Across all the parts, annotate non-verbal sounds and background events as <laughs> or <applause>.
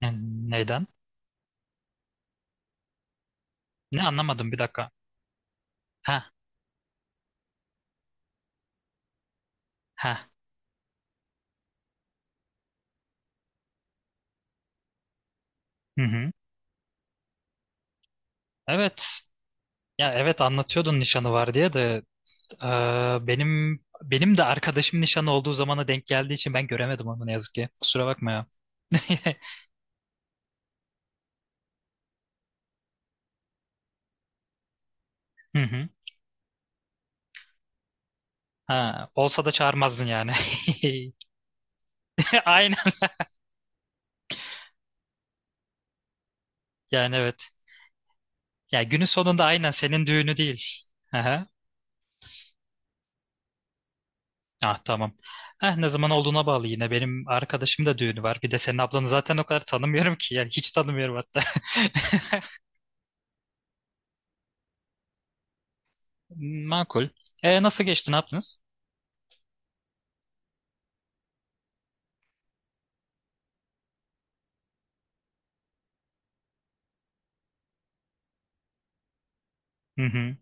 Ne- Neden? Ne anlamadım bir dakika. Ha ha. Hı hı. Evet. Ya evet anlatıyordun nişanı var diye de e, benim de arkadaşım nişanı olduğu zamana denk geldiği için ben göremedim onu ne yazık ki. Kusura bakma ya. <laughs> Hı hı. Ha, olsa da çağırmazdın yani. <laughs> Aynen. Yani evet. Ya günün sonunda aynen senin düğünü değil. Aha. Ah, tamam. Eh, ne zaman olduğuna bağlı yine. Benim arkadaşım da düğünü var. Bir de senin ablanı zaten o kadar tanımıyorum ki. Yani hiç tanımıyorum hatta. <laughs> Makul. Nasıl geçti? Ne yaptınız? Hı hı.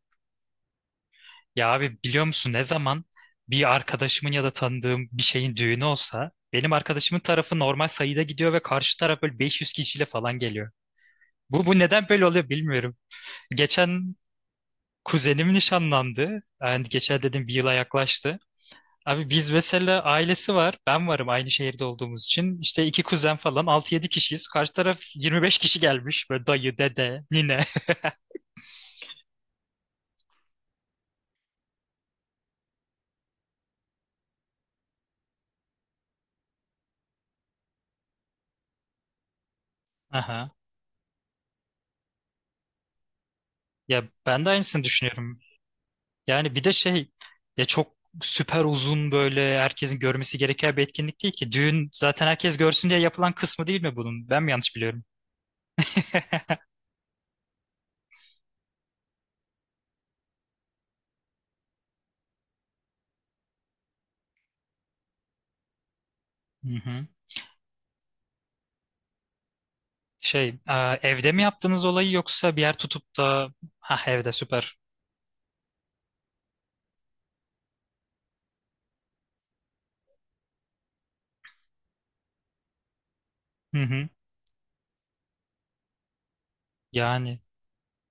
Ya abi biliyor musun, ne zaman bir arkadaşımın ya da tanıdığım bir şeyin düğünü olsa benim arkadaşımın tarafı normal sayıda gidiyor ve karşı taraf böyle 500 kişiyle falan geliyor. Bu neden böyle oluyor bilmiyorum. Geçen kuzenim nişanlandı. Yani geçen dedim, bir yıla yaklaştı. Abi biz mesela ailesi var. Ben varım, aynı şehirde olduğumuz için. İşte iki kuzen falan altı yedi kişiyiz. Karşı taraf 25 kişi gelmiş. Böyle dayı, dede, nine. <laughs> Aha. Ya ben de aynısını düşünüyorum. Yani bir de şey, ya çok süper uzun böyle herkesin görmesi gereken bir etkinlik değil ki. Düğün zaten herkes görsün diye yapılan kısmı değil mi bunun? Ben mi yanlış biliyorum? <laughs> Hı hı. Şey, evde mi yaptınız olayı yoksa bir yer tutup da? Ha, evde, süper. Hı hı. Yani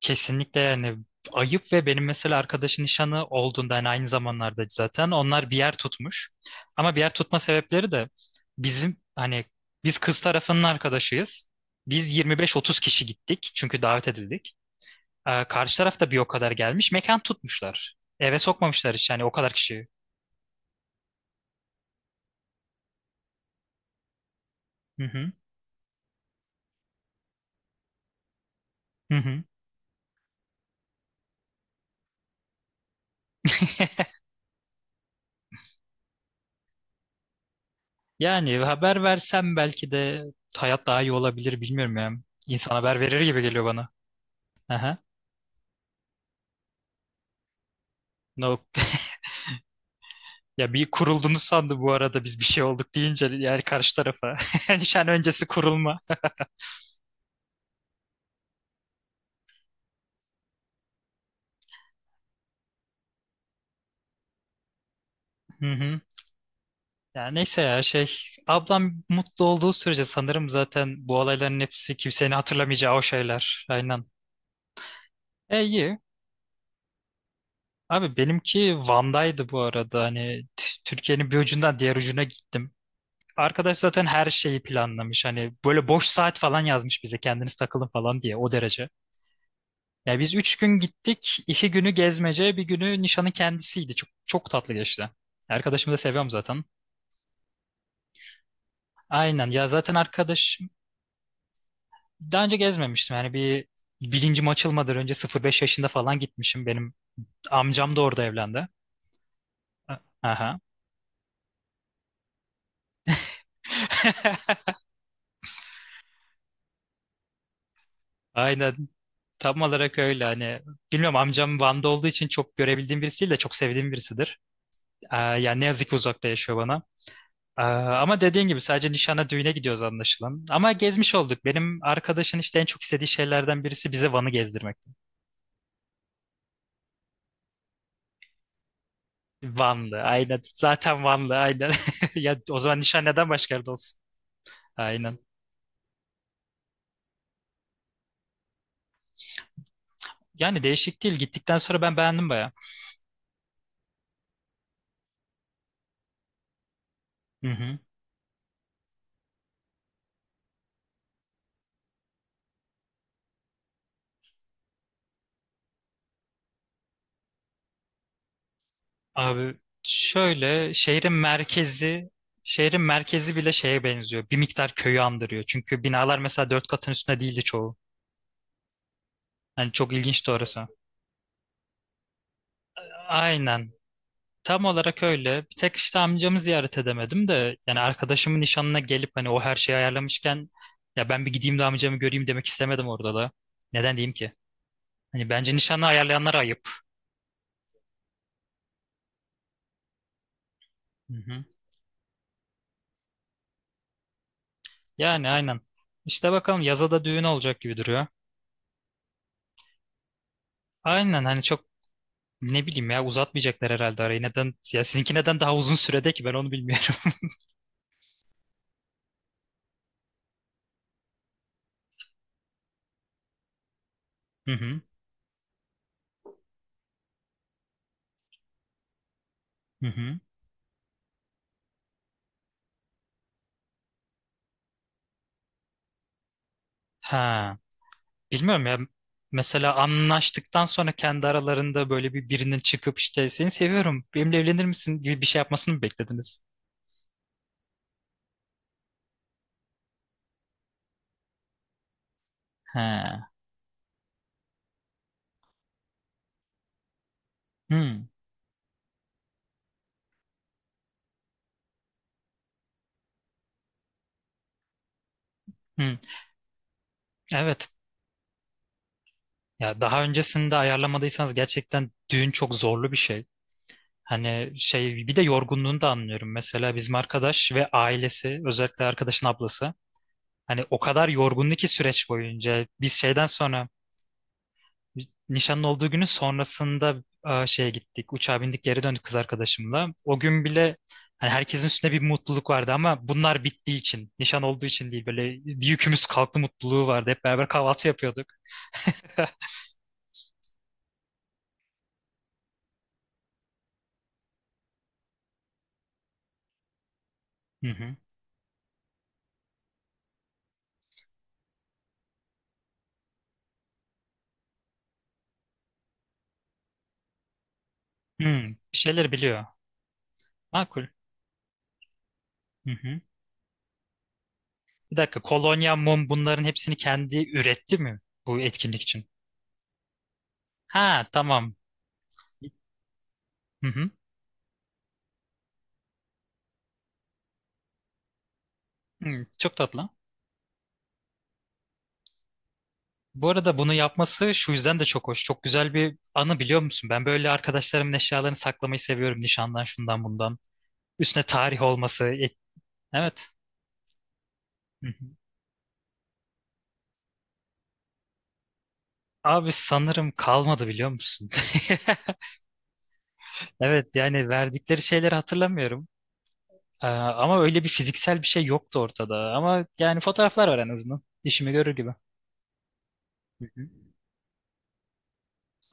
kesinlikle yani ayıp. Ve benim mesela arkadaşın nişanı olduğunda yani aynı zamanlarda zaten onlar bir yer tutmuş. Ama bir yer tutma sebepleri de bizim hani, biz kız tarafının arkadaşıyız. Biz 25-30 kişi gittik çünkü davet edildik. Karşı taraf da bir o kadar gelmiş. Mekan tutmuşlar. Eve sokmamışlar hiç yani, o kadar kişi. Hı hı. Hı hı. <laughs> Yani haber versem belki de hayat daha iyi olabilir, bilmiyorum ya. İnsan haber verir gibi geliyor bana. Aha. No. Ya bir kurulduğunu sandı bu arada biz bir şey olduk deyince, yani karşı tarafa. <laughs> Nişan öncesi kurulma. Hı hı. Ya neyse ya şey, ablam mutlu olduğu sürece sanırım zaten bu olayların hepsi kimsenin hatırlamayacağı o şeyler. Aynen. İyi. Abi benimki Van'daydı bu arada. Hani Türkiye'nin bir ucundan diğer ucuna gittim. Arkadaş zaten her şeyi planlamış. Hani böyle boş saat falan yazmış bize, kendiniz takılın falan diye, o derece. Ya biz 3 gün gittik. 2 günü gezmece, 1 günü nişanı kendisiydi. Çok, çok tatlı geçti. Arkadaşımı da seviyorum zaten. Aynen ya, zaten arkadaş daha önce gezmemiştim. Yani bir bilincim açılmadan önce sıfır beş yaşında falan gitmişim. Benim amcam da orada evlendi. A- Aha. Aynen. Tam olarak öyle hani, bilmiyorum, amcam Van'da olduğu için çok görebildiğim birisi değil de, çok sevdiğim birisidir. Yani ne yazık ki uzakta yaşıyor bana. Ama dediğin gibi sadece nişana, düğüne gidiyoruz anlaşılan. Ama gezmiş olduk. Benim arkadaşın işte en çok istediği şeylerden birisi bize Van'ı gezdirmekti. Vanlı, aynen. Zaten Vanlı, aynen. <laughs> Ya o zaman nişan neden başka yerde olsun? Aynen. Yani değişik değil. Gittikten sonra ben beğendim baya. Hı hı. Abi şöyle, şehrin merkezi bile şeye benziyor. Bir miktar köyü andırıyor. Çünkü binalar mesela 4 katın üstünde değildi çoğu. Yani çok ilginçti orası. Aynen. Tam olarak öyle. Bir tek işte amcamı ziyaret edemedim de, yani arkadaşımın nişanına gelip hani o her şeyi ayarlamışken ya ben bir gideyim de amcamı göreyim demek istemedim orada da. Neden diyeyim ki? Hani bence nişanı ayarlayanlar ayıp. Hı hı. Yani aynen. İşte bakalım yaza da düğün olacak gibi duruyor. Aynen, hani çok, ne bileyim ya, uzatmayacaklar herhalde arayı. Neden? Ya sizinki neden daha uzun sürede ki, ben onu bilmiyorum. <laughs> Hı hı. Hı hı. Ha. Bilmiyorum ya, mesela anlaştıktan sonra kendi aralarında böyle bir birinin çıkıp işte seni seviyorum, benimle evlenir misin gibi bir şey yapmasını mı beklediniz? He. Hmm. Hmm. Evet. Ya daha öncesinde ayarlamadıysanız gerçekten düğün çok zorlu bir şey. Hani şey, bir de yorgunluğunu da anlıyorum. Mesela bizim arkadaş ve ailesi, özellikle arkadaşın ablası, hani o kadar yorgundu ki süreç boyunca, biz şeyden sonra, nişanın olduğu günün sonrasında şeye gittik. Uçağa bindik, geri döndük kız arkadaşımla. O gün bile hani herkesin üstünde bir mutluluk vardı ama bunlar bittiği için, nişan olduğu için değil, böyle bir yükümüz kalktı mutluluğu vardı. Hep beraber kahvaltı yapıyorduk. <laughs> Hı hı. Hmm, bir şeyler biliyor. Makul. Hı hı. Bir dakika. Kolonya, mum, bunların hepsini kendi üretti mi bu etkinlik için? Ha, tamam. Hı hı. Hmm, çok tatlı. Bu arada bunu yapması şu yüzden de çok hoş. Çok güzel bir anı, biliyor musun? Ben böyle arkadaşlarımın eşyalarını saklamayı seviyorum. Nişandan, şundan, bundan. Üstüne tarih olması. Evet. Hı hı. Abi sanırım kalmadı, biliyor musun? <laughs> Evet yani verdikleri şeyleri hatırlamıyorum. Ama öyle bir fiziksel bir şey yoktu ortada. Ama yani fotoğraflar var en azından. İşimi görür gibi. Hı hı.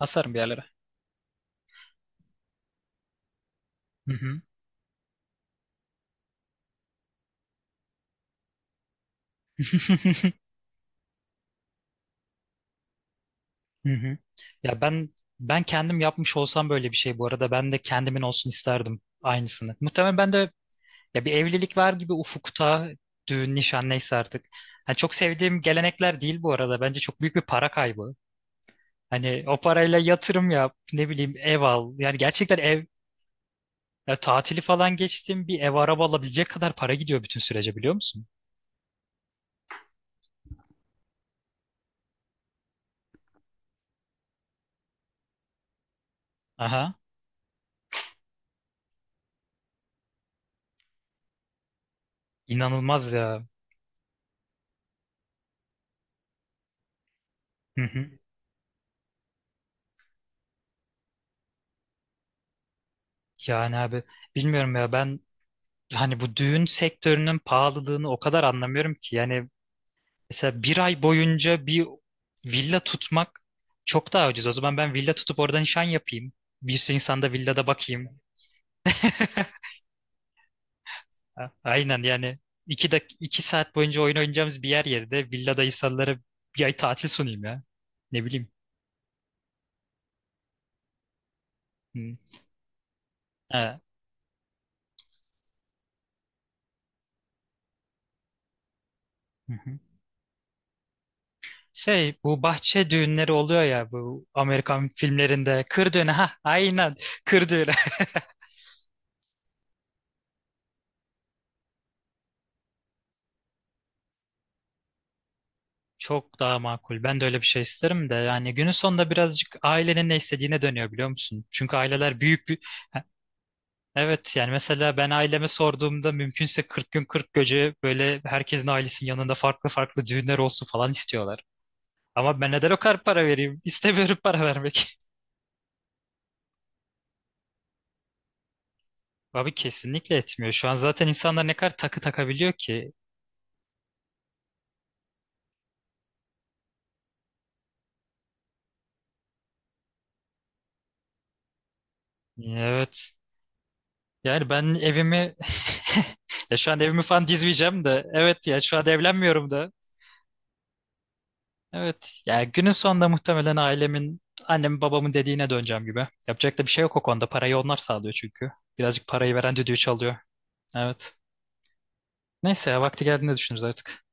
Asarım bir yerlere. Hı hı. <laughs> Hı hı. Ya ben kendim yapmış olsam böyle bir şey, bu arada ben de kendimin olsun isterdim aynısını. Muhtemelen ben de, ya, bir evlilik var gibi ufukta, düğün, nişan, neyse artık. Yani çok sevdiğim gelenekler değil bu arada. Bence çok büyük bir para kaybı. Hani o parayla yatırım yap, ne bileyim, ev al. Yani gerçekten ev, ya tatili falan geçtim, bir ev araba alabilecek kadar para gidiyor bütün sürece, biliyor musun? Aha. İnanılmaz ya. Hı hı. Yani abi bilmiyorum ya ben, hani bu düğün sektörünün pahalılığını o kadar anlamıyorum ki. Yani mesela 1 ay boyunca bir villa tutmak çok daha ucuz. O zaman ben villa tutup orada nişan yapayım. Bir sürü insanda villada bakayım. <laughs> Aynen yani, 2 saat boyunca oyun oynayacağımız bir yer yerine villada insanlara 1 ay tatil sunayım ya. Ne bileyim. Hı. Ha. Hı hı. Şey, bu bahçe düğünleri oluyor ya, bu Amerikan filmlerinde kır düğünü. Ha, aynen, kır düğünü. Çok daha makul. Ben de öyle bir şey isterim de, yani günün sonunda birazcık ailenin ne istediğine dönüyor, biliyor musun? Çünkü aileler büyük bir... Ha, evet yani mesela ben aileme sorduğumda mümkünse 40 gün 40 gece böyle herkesin ailesinin yanında farklı farklı düğünler olsun falan istiyorlar. Ama ben neden o kadar para vereyim? <laughs> İstemiyorum para vermek. <laughs> Abi kesinlikle etmiyor. Şu an zaten insanlar ne kadar takı takabiliyor ki. Evet. Yani ben evimi... <laughs> ya şu an evimi falan dizmeyeceğim de. Evet ya şu an evlenmiyorum da. Evet. Ya günün sonunda muhtemelen ailemin, annemin babamın dediğine döneceğim gibi. Yapacak da bir şey yok o konuda. Parayı onlar sağlıyor çünkü. Birazcık parayı veren düdüğü çalıyor. Evet. Neyse ya, vakti geldiğinde düşünürüz artık.